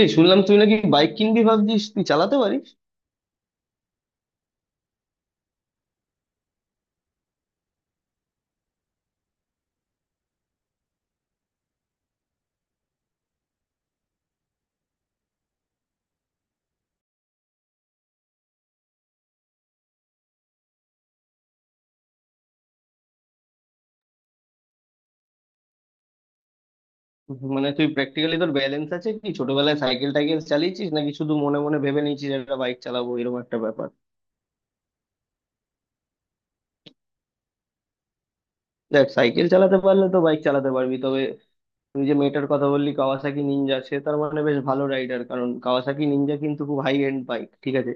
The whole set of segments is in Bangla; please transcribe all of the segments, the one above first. এই শুনলাম তুই নাকি বাইক কিনবি ভাবছিস, তুই চালাতে পারিস? মানে, তুই প্র্যাকটিক্যালি তোর ব্যালেন্স আছে কি? ছোটবেলায় সাইকেল টাইকেল চালিয়েছিস, নাকি শুধু মনে মনে ভেবে নিয়েছিস একটা বাইক চালাবো এরকম একটা ব্যাপার? দেখ, সাইকেল চালাতে পারলে তো বাইক চালাতে পারবি। তবে তুই যে মেয়েটার কথা বললি, কাওয়াসাকি নিনজা, সে তার মানে বেশ ভালো রাইডার, কারণ কাওয়াসাকি নিনজা কিন্তু খুব হাই এন্ড বাইক, ঠিক আছে?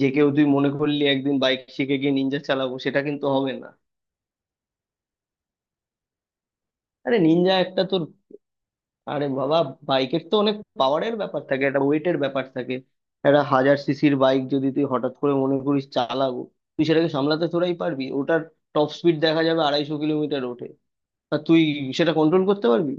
যে কেউ তুই মনে করলি একদিন বাইক শিখে গিয়ে নিনজা চালাবো, সেটা কিন্তু হবে না। আরে নিনজা একটা তোর। আরে বাবা, বাইকের তো অনেক পাওয়ারের ব্যাপার থাকে, একটা ওয়েটের ব্যাপার থাকে। একটা 1000 সিসির বাইক যদি তুই হঠাৎ করে মনে করিস চালাবো, তুই সেটাকে সামলাতে তোরাই পারবি? ওটার টপ স্পিড দেখা যাবে 250 কিলোমিটার ওঠে। আর তুই সেটা কন্ট্রোল করতে পারবি?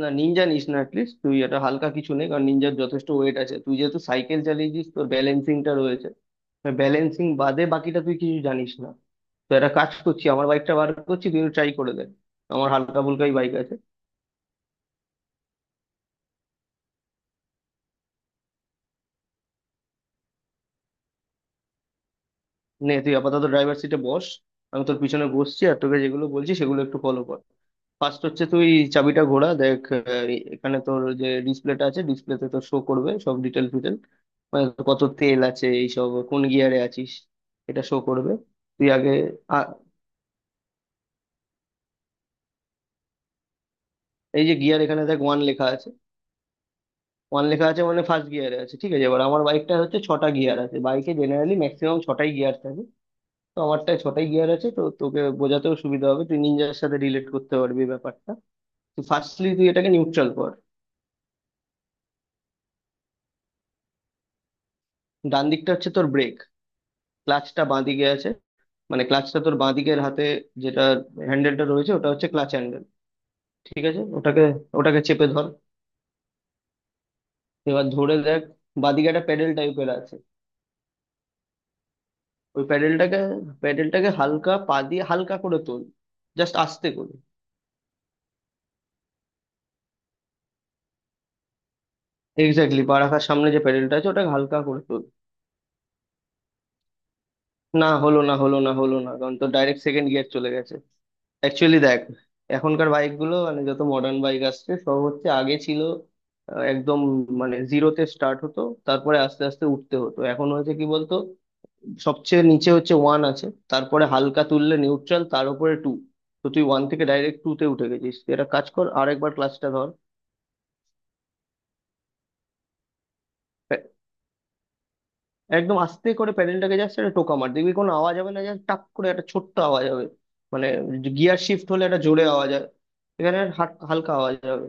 না, নিনজা নিস না। অ্যাটলিস্ট তুই এটা হালকা কিছু নেই, কারণ নিনজার যথেষ্ট ওয়েট আছে। তুই যেহেতু সাইকেল চালিয়েছিস, তোর ব্যালেন্সিংটা রয়েছে। ব্যালেন্সিং বাদে বাকিটা তুই কিছু জানিস না। তো একটা কাজ করছি, আমার বাইকটা বার করছি, তুই ট্রাই করে দে। আমার হালকা ফুলকাই বাইক আছে। নে, তুই আপাতত ড্রাইভার সিটে বস। আমি তোর পিছনে বসছি, আর তোকে যেগুলো বলছি সেগুলো একটু ফলো কর। ফার্স্ট হচ্ছে, তুই চাবিটা ঘোরা। দেখ, এখানে তোর যে ডিসপ্লেটা আছে, ডিসপ্লেতে তোর শো করবে সব ডিটেল ফিটেল। মানে, তোর কত তেল আছে এইসব, কোন গিয়ারে আছিস, এটা শো করবে। তুই আগে আ- এই যে গিয়ার, এখানে দেখ ওয়ান লেখা আছে। ওয়ান লেখা আছে মানে ফার্স্ট গিয়ারে আছে। ঠিক আছে, এবার আমার বাইকটা হচ্ছে 6টা গিয়ার আছে। বাইকে জেনারেলি ম্যাক্সিমাম 6টাই গিয়ার থাকে। তো আমারটায় 6টাই গিয়ার আছে, তো তোকে বোঝাতেও সুবিধা হবে, তুই নিনজার সাথে রিলেট করতে পারবি ব্যাপারটা। তো ফার্স্টলি তুই এটাকে নিউট্রাল কর। ডান দিকটা হচ্ছে তোর ব্রেক, ক্লাচটা বাঁ দিকে আছে। মানে ক্লাচটা তোর বাঁ দিকের হাতে যেটা হ্যান্ডেলটা রয়েছে, ওটা হচ্ছে ক্লাচ হ্যান্ডেল। ঠিক আছে, ওটাকে ওটাকে চেপে ধর। এবার ধরে দেখ, বাঁ দিকে একটা প্যাডেল টাইপের আছে। ওই প্যাডেলটাকে, প্যাডেলটাকে হালকা পা দিয়ে হালকা করে তোল, জাস্ট আস্তে করে। এক্স্যাক্টলি পা রাখার সামনে যে প্যাডেলটা আছে, ওটাকে হালকা করে তোল। না হলো, না হলো, না হলো না, কারণ তোর ডাইরেক্ট সেকেন্ড গিয়ার চলে গেছে। অ্যাকচুয়ালি দেখ, এখনকার বাইকগুলো মানে যত মডার্ন বাইক আসছে, সব হচ্ছে আগে ছিল একদম, মানে জিরোতে স্টার্ট হতো, তারপরে আস্তে আস্তে উঠতে হতো। এখন হয়েছে কি বলতো, সবচেয়ে নিচে হচ্ছে ওয়ান আছে, তারপরে হালকা তুললে নিউট্রাল, তার উপরে টু। তো তুই ওয়ান থেকে ডাইরেক্ট টু তে উঠে গেছিস। তুই একটা কাজ কর, আর একবার ক্লাসটা ধর। প্যা- একদম আস্তে করে প্যাডেলটাকে যাচ্ছে একটা টোকা মার, দেখবি কোনো আওয়াজ হবে না, জাস্ট টাক করে একটা ছোট্ট আওয়াজ হবে। মানে গিয়ার শিফট হলে একটা জোরে আওয়াজ হয়, এখানে হালকা আওয়াজ হবে।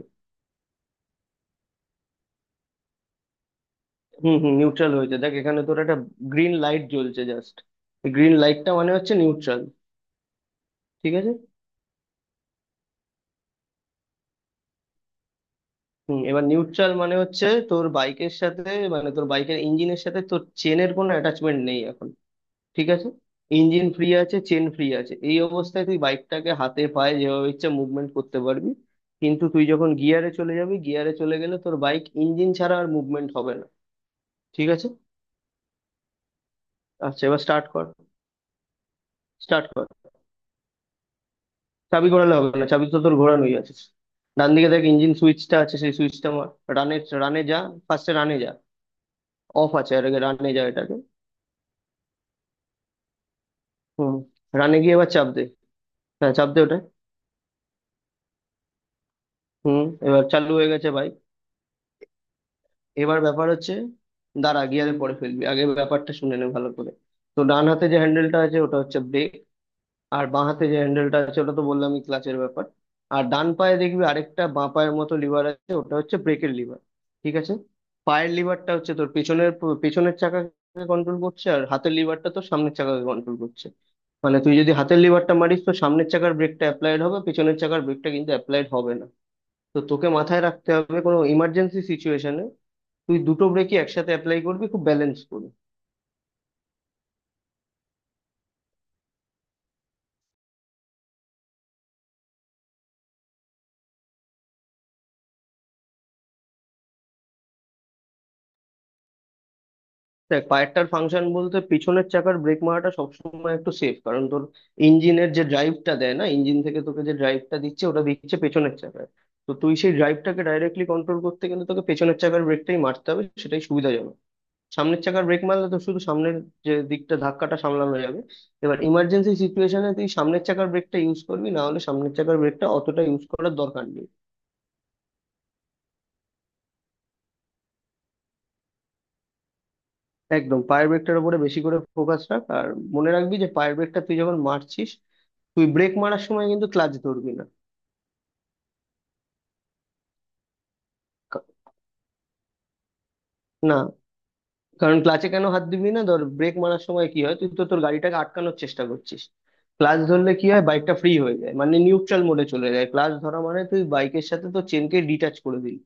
হুম হুম, নিউট্রাল হয়েছে। দেখ, এখানে তোর একটা গ্রিন লাইট জ্বলছে জাস্ট। গ্রিন লাইটটা মানে হচ্ছে নিউট্রাল। ঠিক আছে। হুম, এবার নিউট্রাল মানে হচ্ছে তোর বাইকের সাথে, মানে তোর বাইকের ইঞ্জিনের সাথে তোর চেনের কোনো অ্যাটাচমেন্ট নেই এখন, ঠিক আছে? ইঞ্জিন ফ্রি আছে, চেন ফ্রি আছে, এই অবস্থায় তুই বাইকটাকে হাতে পায়ে যেভাবে ইচ্ছা মুভমেন্ট করতে পারবি। কিন্তু তুই যখন গিয়ারে চলে যাবি, গিয়ারে চলে গেলে তোর বাইক ইঞ্জিন ছাড়া আর মুভমেন্ট হবে না, ঠিক আছে? আচ্ছা, এবার স্টার্ট কর। স্টার্ট কর, চাবি ঘোরালে হবে না, চাবি তো তোর ঘোরানোই আছে। ডান দিকে দেখ ইঞ্জিন সুইচটা আছে, সেই সুইচটা মার। রানে, রানে যা, ফার্স্টে রানে যা। অফ আছে, আর আগে রানে যা এটাকে। হুম, রানে গিয়ে এবার চাপ দে, হ্যাঁ চাপ দে ওটা। হুম, এবার চালু হয়ে গেছে বাইক। এবার ব্যাপার হচ্ছে, দাঁড়া, গিয়ারে পরে ফেলবি, আগে ব্যাপারটা শুনে নে ভালো করে। তো ডান হাতে যে হ্যান্ডেলটা আছে ওটা হচ্ছে ব্রেক। আর বাঁ হাতে যে হ্যান্ডেলটা আছে ওটা তো বললামই, ক্লাচের ব্যাপার। আর ডান পায়ে দেখবি আরেকটা বাঁ পায়ের মতো লিভার আছে, ওটা হচ্ছে ব্রেকের লিভার, ঠিক আছে? পায়ের লিভারটা হচ্ছে তোর পেছনের, পেছনের চাকাকে কন্ট্রোল করছে, আর হাতের লিভারটা তো সামনের চাকাকে কন্ট্রোল করছে। মানে তুই যদি হাতের লিভারটা মারিস, তো সামনের চাকার ব্রেকটা অ্যাপ্লাইড হবে, পেছনের চাকার ব্রেকটা কিন্তু অ্যাপ্লাইড হবে না। তো তোকে মাথায় রাখতে হবে, কোনো ইমার্জেন্সি সিচুয়েশনে তুই দুটো ব্রেকই একসাথে অ্যাপ্লাই করবি, খুব ব্যালেন্স করবি। দেখ, পায়েরটার ফাংশন বলতে পিছনের চাকার ব্রেক মারাটা সবসময় একটু সেফ, কারণ তোর ইঞ্জিনের যে ড্রাইভটা দেয় না, ইঞ্জিন থেকে তোকে যে ড্রাইভটা দিচ্ছে ওটা দিচ্ছে পেছনের চাকায়। তো তুই সেই ড্রাইভটাকে ডাইরেক্টলি কন্ট্রোল করতে গেলে তোকে পেছনের চাকার ব্রেকটাই মারতে হবে, সেটাই সুবিধাজনক। সামনের চাকার ব্রেক মারলে তো শুধু সামনের যে দিকটা ধাক্কাটা সামলানো যাবে। এবার ইমার্জেন্সি সিচুয়েশনে তুই সামনের চাকার ব্রেকটা ইউজ করবি, না হলে সামনের চাকার ব্রেকটা অতটা ইউজ করার দরকার নেই। একদম পায়ের ব্রেকটার উপরে বেশি করে ফোকাস রাখ, আর মনে রাখবি যে পায়ের ব্রেকটা তুই যখন মারছিস, তুই ব্রেক মারার সময় কিন্তু ক্লাচ ধরবি না। কা- না, কারণ ক্লাচে কেন হাত দিবি না, ধর ব্রেক মারার সময় কি হয়, তুই তো তোর গাড়িটাকে আটকানোর চেষ্টা করছিস। ক্লাচ ধরলে কি হয়, বাইকটা ফ্রি হয়ে যায়, মানে নিউট্রাল মোডে চলে যায়, ক্লাচ ধরা মানে তুই বাইকের সাথে তো চেনকে ডিটাচ করে দিলি।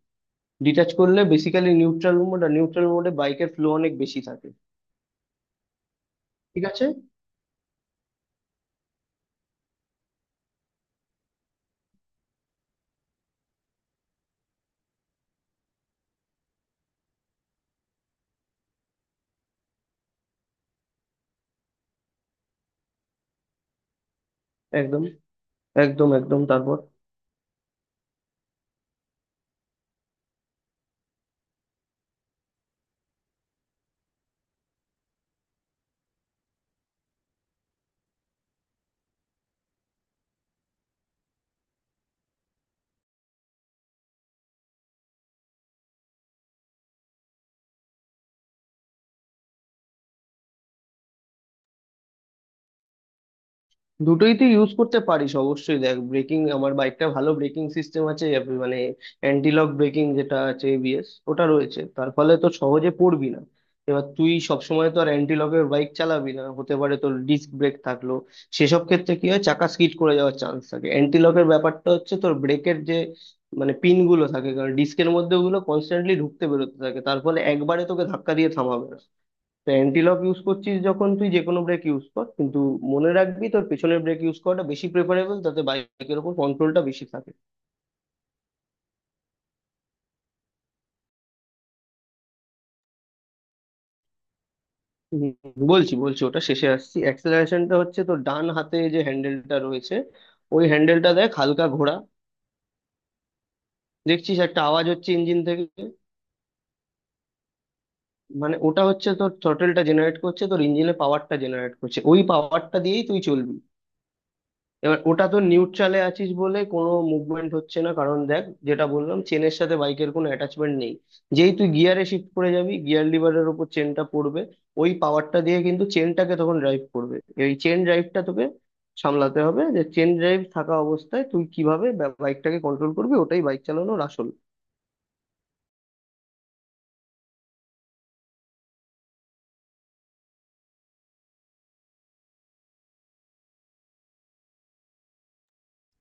ডিটাচ করলে বেসিক্যালি নিউট্রাল মোড, আর নিউট্রাল মোডে বাইকের ফ্লো অনেক বেশি থাকে, ঠিক আছে? একদম একদম একদম, তারপর দুটোই তুই ইউজ করতে পারিস অবশ্যই। দেখ ব্রেকিং, আমার বাইকটা ভালো ব্রেকিং সিস্টেম আছে, মানে অ্যান্টি লক ব্রেকিং যেটা আছে, এবিএস, ওটা রয়েছে, তার ফলে তো সহজে পড়বি না। এবার তুই সবসময় তো আর অ্যান্টি লকের বাইক চালাবি না, হতে পারে তোর ডিস্ক ব্রেক থাকলো, সেসব ক্ষেত্রে কি হয় চাকা স্কিড করে যাওয়ার চান্স থাকে। অ্যান্টি লকের ব্যাপারটা হচ্ছে তোর ব্রেকের যে, মানে পিন গুলো থাকে, কারণ ডিস্কের মধ্যে ওগুলো কনস্ট্যান্টলি ঢুকতে বেরোতে থাকে, তার ফলে একবারে তোকে ধাক্কা দিয়ে থামাবে না। তো অ্যান্টিলক ইউজ করছিস যখন, তুই যে কোনো ব্রেক ইউজ কর, কিন্তু মনে রাখবি তোর পেছনের ব্রেক ইউজ করাটা বেশি প্রেফারেবল, তাতে বাইকের উপর কন্ট্রোলটা বেশি থাকে। হুম, বলছি বলছি, ওটা শেষে আসছি। অ্যাক্সেলারেশনটা হচ্ছে তোর ডান হাতে যে হ্যান্ডেলটা রয়েছে, ওই হ্যান্ডেলটা দেখ হালকা ঘোরা। দেখছিস একটা আওয়াজ হচ্ছে ইঞ্জিন থেকে? মানে ওটা হচ্ছে তোর থ্রটলটা জেনারেট করছে, তোর ইঞ্জিনের পাওয়ারটা জেনারেট করছে, ওই পাওয়ারটা দিয়েই তুই চলবি। এবার ওটা তো নিউট্রালে আছিস বলে কোনো মুভমেন্ট হচ্ছে না, কারণ দেখ যেটা বললাম, চেনের সাথে বাইকের কোনো অ্যাটাচমেন্ট নেই। যেই তুই গিয়ারে শিফট করে যাবি, গিয়ার লিভারের ওপর চেনটা পড়বে, ওই পাওয়ারটা দিয়ে কিন্তু চেনটাকে তখন ড্রাইভ করবে। এই চেন ড্রাইভটা তোকে সামলাতে হবে, যে চেন ড্রাইভ থাকা অবস্থায় তুই কিভাবে বাইকটাকে কন্ট্রোল করবি, ওটাই বাইক চালানোর আসল।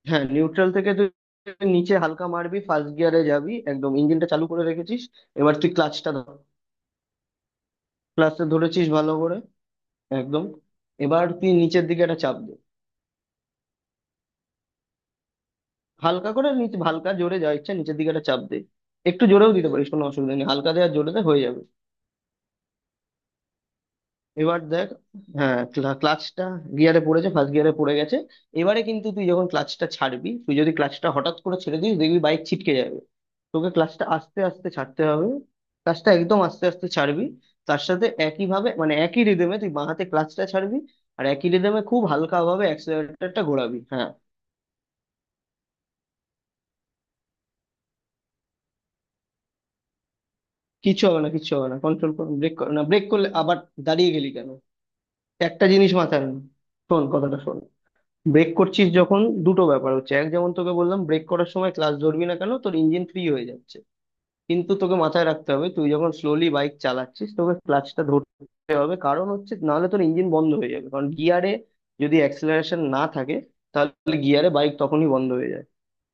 হ্যাঁ, নিউট্রাল থেকে তুই নিচে হালকা মারবি ফার্স্ট গিয়ারে যাবি, একদম ইঞ্জিনটা চালু করে রেখেছিস। এবার তুই ক্লাচটা ধর। ক্লাচটা ধরেছিস ভালো করে? একদম। এবার তুই নিচের দিকে একটা চাপ দে। হালকা করে, নিচে হালকা জোরে যা ইচ্ছা, নিচের দিকে একটা চাপ দে। একটু জোরেও দিতে পারিস, কোনো অসুবিধা নেই, হালকা দে আর জোরে দে হয়ে যাবে। এবার দেখ, হ্যাঁ ক্লাচটা গিয়ারে পড়েছে, ফার্স্ট গিয়ারে পড়ে গেছে। এবারে কিন্তু তুই যখন ক্লাচটা ছাড়বি, তুই যদি ক্লাচটা হঠাৎ করে ছেড়ে দিস দেখবি বাইক ছিটকে যাবে, তোকে ক্লাচটা আস্তে আস্তে ছাড়তে হবে। ক্লাচটা একদম আস্তে আস্তে ছাড়বি, তার সাথে একই ভাবে মানে একই রিদমে তুই বাঁ হাতে ক্লাচটা ছাড়বি। আর একই রিদমে খুব হালকা ভাবে অ্যাক্সেলারেটরটা ঘোরাবি, হ্যাঁ। কিচ্ছু হবে না, কিচ্ছু হবে না, কন্ট্রোল করুন, ব্রেক করো না, ব্রেক করলে আবার দাঁড়িয়ে গেলি কেন? একটা জিনিস মাথায় রাখ, শোন কথাটা শোন। ব্রেক করছিস যখন, দুটো ব্যাপার হচ্ছে। এক, যেমন তোকে বললাম ব্রেক করার সময় ক্লাস ধরবি না, কেন, তোর ইঞ্জিন ফ্রি হয়ে যাচ্ছে। কিন্তু তোকে মাথায় রাখতে হবে তুই যখন স্লোলি বাইক চালাচ্ছিস, তোকে ক্লাচটা ধরতে হবে, কারণ হচ্ছে নাহলে তোর ইঞ্জিন বন্ধ হয়ে যাবে, কারণ গিয়ারে যদি অ্যাক্সেলারেশন না থাকে তাহলে গিয়ারে বাইক তখনই বন্ধ হয়ে যাবে।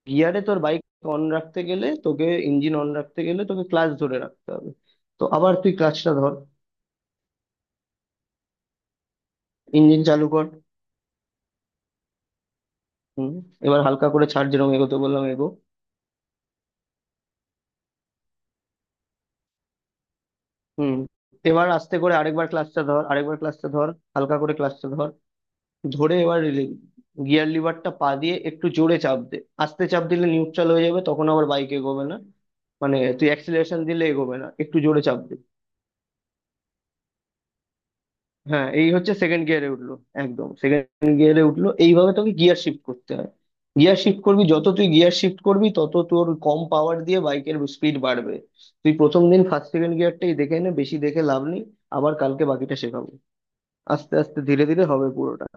গিয়ারে তোর বাইক অন রাখতে গেলে, তোকে ইঞ্জিন অন রাখতে গেলে তোকে ক্লাচ ধরে রাখতে হবে। তো আবার তুই ক্লাচটা ধর। ইঞ্জিন চালু কর। হুম, এবার হালকা করে ছাড়, যেরকম এগোতে বললাম এগো। হুম, এবার আস্তে করে আরেকবার ক্লাচটা ধর, আরেকবার ক্লাচটা ধর। হালকা করে ক্লাচটা ধর। ধরে এবার গিয়ার লিভারটা পা দিয়ে একটু জোরে চাপ দে। আস্তে চাপ দিলে নিউট্রাল হয়ে যাবে, তখন আবার বাইক এগোবে না, মানে তুই অ্যাক্সিলারেশন দিলে এগোবে না, একটু জোরে চাপ দে। হ্যাঁ, এই হচ্ছে সেকেন্ড গিয়ারে উঠলো। একদম সেকেন্ড গিয়ারে উঠলো, এইভাবে তোকে গিয়ার শিফট করতে হয়। গিয়ার শিফট করবি, যত তুই গিয়ার শিফট করবি তত তোর কম পাওয়ার দিয়ে বাইকের স্পিড বাড়বে। তুই প্রথম দিন ফার্স্ট সেকেন্ড গিয়ারটাই দেখে নে, বেশি দেখে লাভ নেই, আবার কালকে বাকিটা শেখাবো। আস্তে আস্তে ধীরে ধীরে হবে পুরোটা।